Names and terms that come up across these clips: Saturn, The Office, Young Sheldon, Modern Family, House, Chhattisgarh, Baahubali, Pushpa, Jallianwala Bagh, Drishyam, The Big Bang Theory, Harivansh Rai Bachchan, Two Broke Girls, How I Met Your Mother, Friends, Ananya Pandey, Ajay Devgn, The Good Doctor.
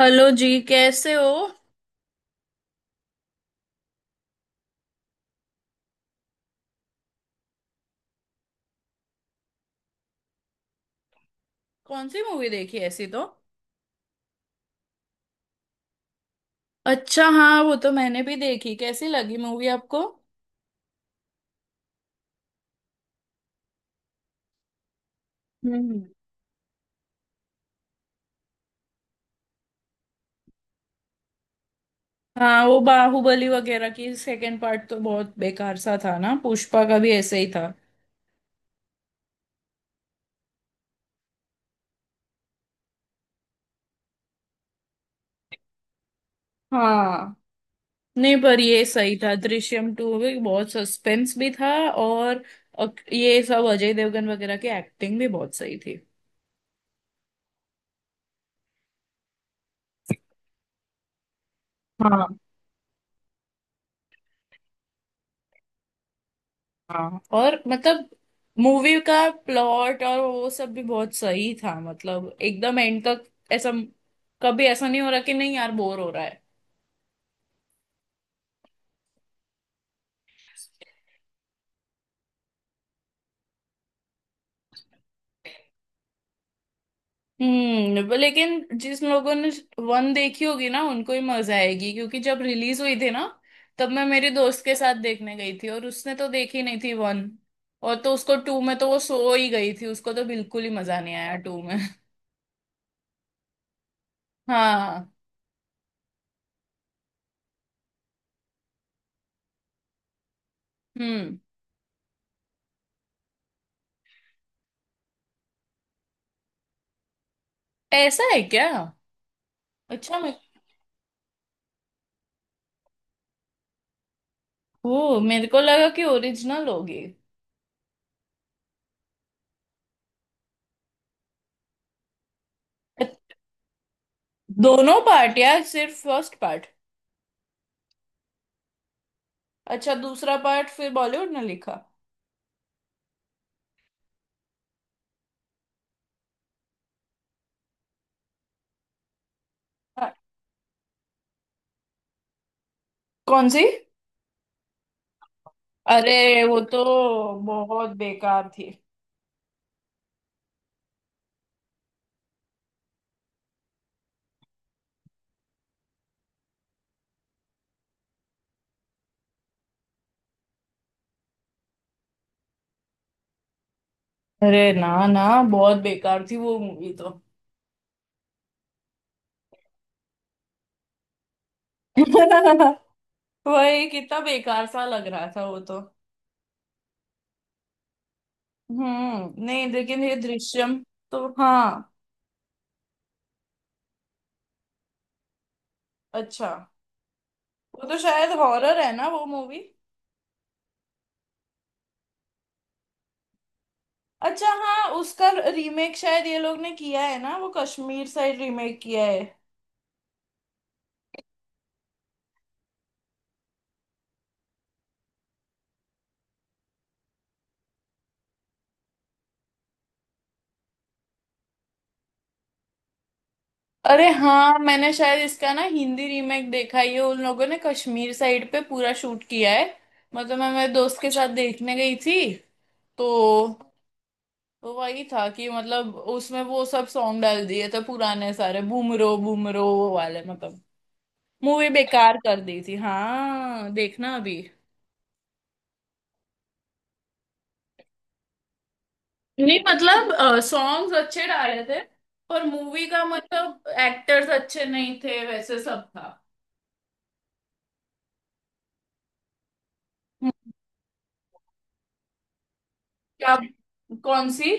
Hello जी, कैसे हो। कौन सी मूवी देखी ऐसी तो। अच्छा, हाँ वो तो मैंने भी देखी। कैसी लगी मूवी आपको। हम्म। हाँ, वो बाहुबली वगैरह की सेकंड पार्ट तो बहुत बेकार सा था ना। पुष्पा का भी ऐसे ही था। हाँ। नहीं, पर ये सही था। दृश्यम टू भी बहुत सस्पेंस भी था, और ये सब अजय देवगन वगैरह की एक्टिंग भी बहुत सही थी। हाँ। हाँ, और मतलब मूवी का प्लॉट और वो सब भी बहुत सही था, मतलब एकदम एंड तक ऐसा कभी ऐसा नहीं हो रहा कि नहीं यार बोर हो रहा है। हम्म। लेकिन जिस लोगों ने वन देखी होगी ना उनको ही मजा आएगी, क्योंकि जब रिलीज हुई थी ना तब मैं मेरे दोस्त के साथ देखने गई थी और उसने तो देखी नहीं थी वन। और तो उसको टू में तो वो सो ही गई थी, उसको तो बिल्कुल ही मजा नहीं आया टू में। हाँ। हम्म। ऐसा है क्या। अच्छा। ओ, मेरे को लगा कि ओरिजिनल होगी। अ- दोनों पार्ट या सिर्फ फर्स्ट पार्ट। अच्छा, दूसरा पार्ट फिर बॉलीवुड ने लिखा। अ, कौन सी। अरे, वो तो बहुत बेकार थी। अरे ना ना, बहुत बेकार थी वो मूवी तो। वही, कितना बेकार सा लग रहा था वो तो। हम्म। नहीं, लेकिन ये दृश्यम तो हाँ। अच्छा। वो तो शायद हॉरर है ना वो मूवी। अच्छा, हाँ, उसका रीमेक शायद ये लोग ने किया है ना, वो कश्मीर साइड रीमेक किया है। अरे हाँ, मैंने शायद इसका ना हिंदी रीमेक देखा है। ये उन लोगों ने कश्मीर साइड पे पूरा शूट किया है। मतलब मैं मेरे दोस्त के साथ अच्छा देखने गई थी। तो। तो वही था कि मतलब उसमें वो सब सॉन्ग डाल दिए थे पुराने सारे, बूमरो बूमरो वो वाले, मतलब मूवी बेकार कर दी थी। हाँ देखना अभी। नहीं, मतलब सॉन्ग्स अच्छे डाले थे। पर मूवी का मतलब एक्टर्स अच्छे नहीं थे, वैसे सब था। क्या। कौन सी।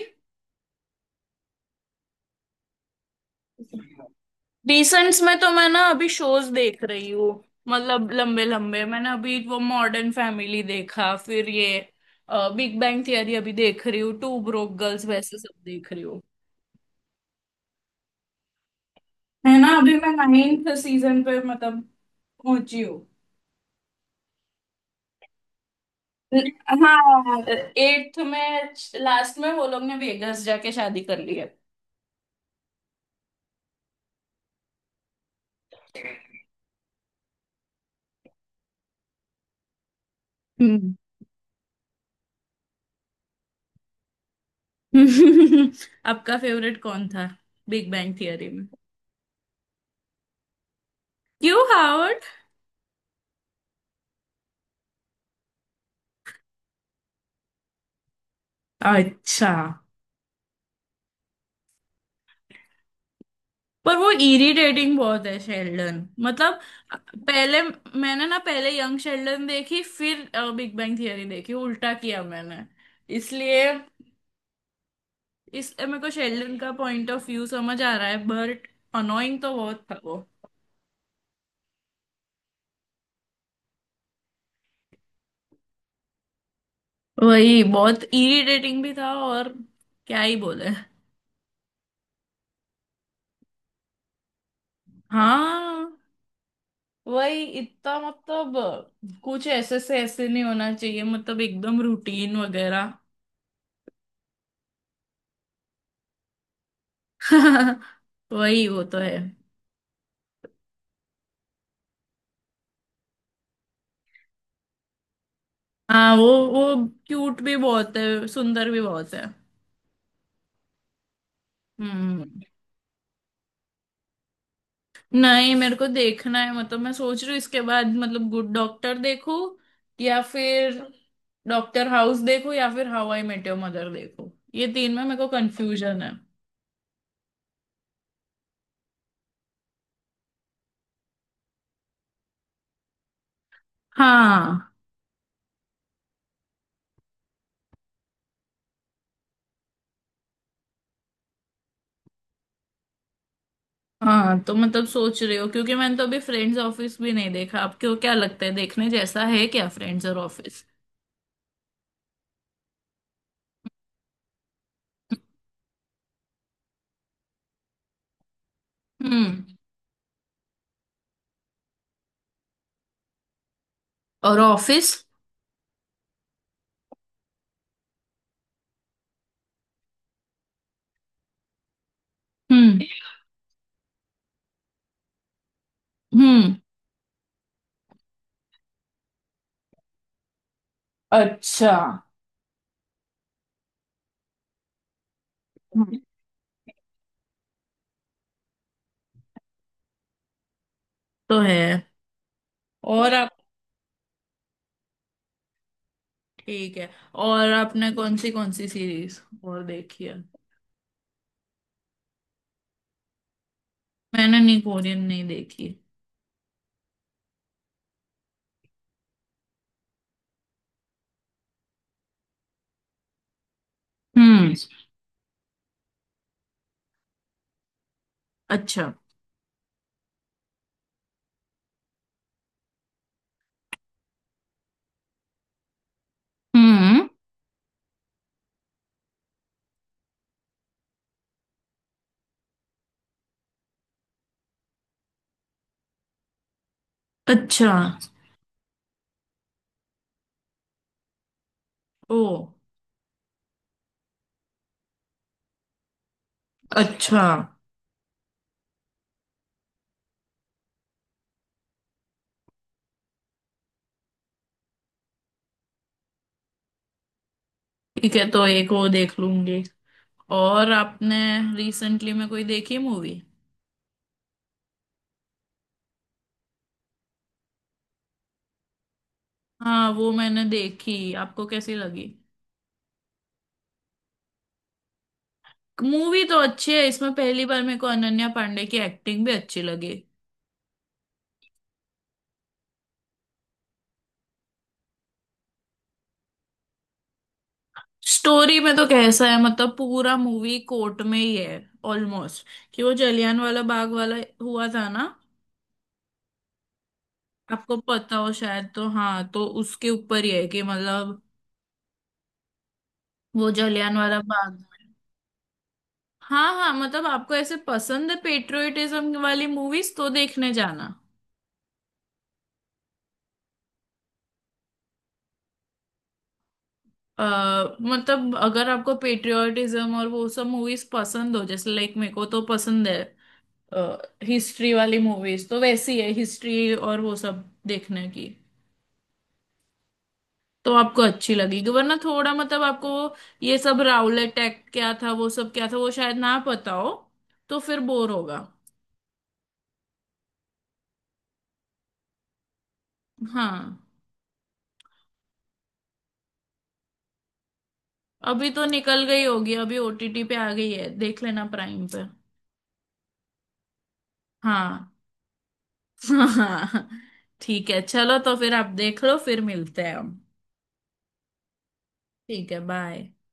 रिसेंट्स में तो मैं ना अभी शोज देख रही हूँ। मतलब लंबे लंबे, मैंने अभी वो मॉडर्न फैमिली देखा, फिर ये बिग बैंग थियरी अभी देख रही हूँ, टू ब्रोक गर्ल्स, वैसे सब देख रही हूँ। है ना। अभी मैं नाइन्थ सीजन पे मतलब पहुंची हूँ। हाँ, एट्थ में लास्ट में वो लोग ने वेगस जाके शादी कर ली है। हम्म। आपका फेवरेट कौन था बिग बैंग थियरी में। क्यों हावर्ड। अच्छा। पर वो इरिटेटिंग बहुत है शेल्डन। मतलब पहले मैंने ना पहले यंग शेल्डन देखी फिर बिग बैंग थियरी देखी, उल्टा किया मैंने, इसलिए इस मेरे को शेल्डन का पॉइंट ऑफ व्यू समझ आ रहा है बट अनोइंग तो बहुत था। वही बहुत इरिटेटिंग भी था, और क्या ही बोले। हाँ, वही इतना मतलब कुछ ऐसे से ऐसे नहीं होना चाहिए, मतलब एकदम रूटीन वगैरह। वही, वो तो है। हाँ, वो क्यूट भी बहुत है, सुंदर भी बहुत है। हम्म। नहीं, मेरे को देखना है, मतलब मैं सोच रही हूँ इसके बाद मतलब गुड डॉक्टर देखूं या फिर डॉक्टर हाउस देखूं या फिर how I met your mother देखूं। ये तीन में मेरे को कंफ्यूजन है। हाँ। हाँ, तो मतलब सोच रहे हो, क्योंकि मैंने तो अभी फ्रेंड्स, ऑफिस भी नहीं देखा। आपको क्या लगता है देखने जैसा है क्या फ्रेंड्स और ऑफिस। हम्म। और ऑफिस। Hmm hmm. अच्छा। हम्म, तो है। और आप। ठीक है। और आपने कौन सी सीरीज और देखी है। मैंने नहीं, कोरियन नहीं देखी। हम्म। अच्छा। हम्म। अच्छा, ओ, अच्छा। ठीक है, तो एक वो देख लूंगी। और आपने रिसेंटली में कोई देखी मूवी। हाँ, वो मैंने देखी, आपको कैसी लगी। मूवी तो अच्छी है। इसमें पहली बार मेरे को अनन्या पांडे की एक्टिंग भी अच्छी लगी। स्टोरी में तो कैसा है, मतलब पूरा मूवी कोर्ट में ही है ऑलमोस्ट, कि वो जलियान वाला बाग वाला हुआ था ना। आपको पता हो शायद, तो हाँ, तो उसके ऊपर ही है कि मतलब वो जलियान वाला बाग। हाँ हाँ, मतलब आपको ऐसे पसंद है पेट्रियोटिज्म वाली मूवीज तो देखने जाना। मतलब अगर आपको पेट्रियोटिज्म और वो सब मूवीज पसंद हो जैसे लाइक, मेरे को तो पसंद है हिस्ट्री वाली मूवीज, तो वैसी है हिस्ट्री और वो सब देखने की। तो आपको अच्छी लगेगी, वरना थोड़ा मतलब आपको ये सब राउलेट एक्ट क्या था, वो सब क्या था, वो शायद ना पता हो, तो फिर बोर होगा। हाँ। अभी तो निकल गई होगी, अभी ओटीटी पे आ गई है, देख लेना प्राइम पे। हाँ। हाँ। ठीक है, चलो तो फिर आप देख लो, फिर मिलते हैं हम। ठीक है बाय।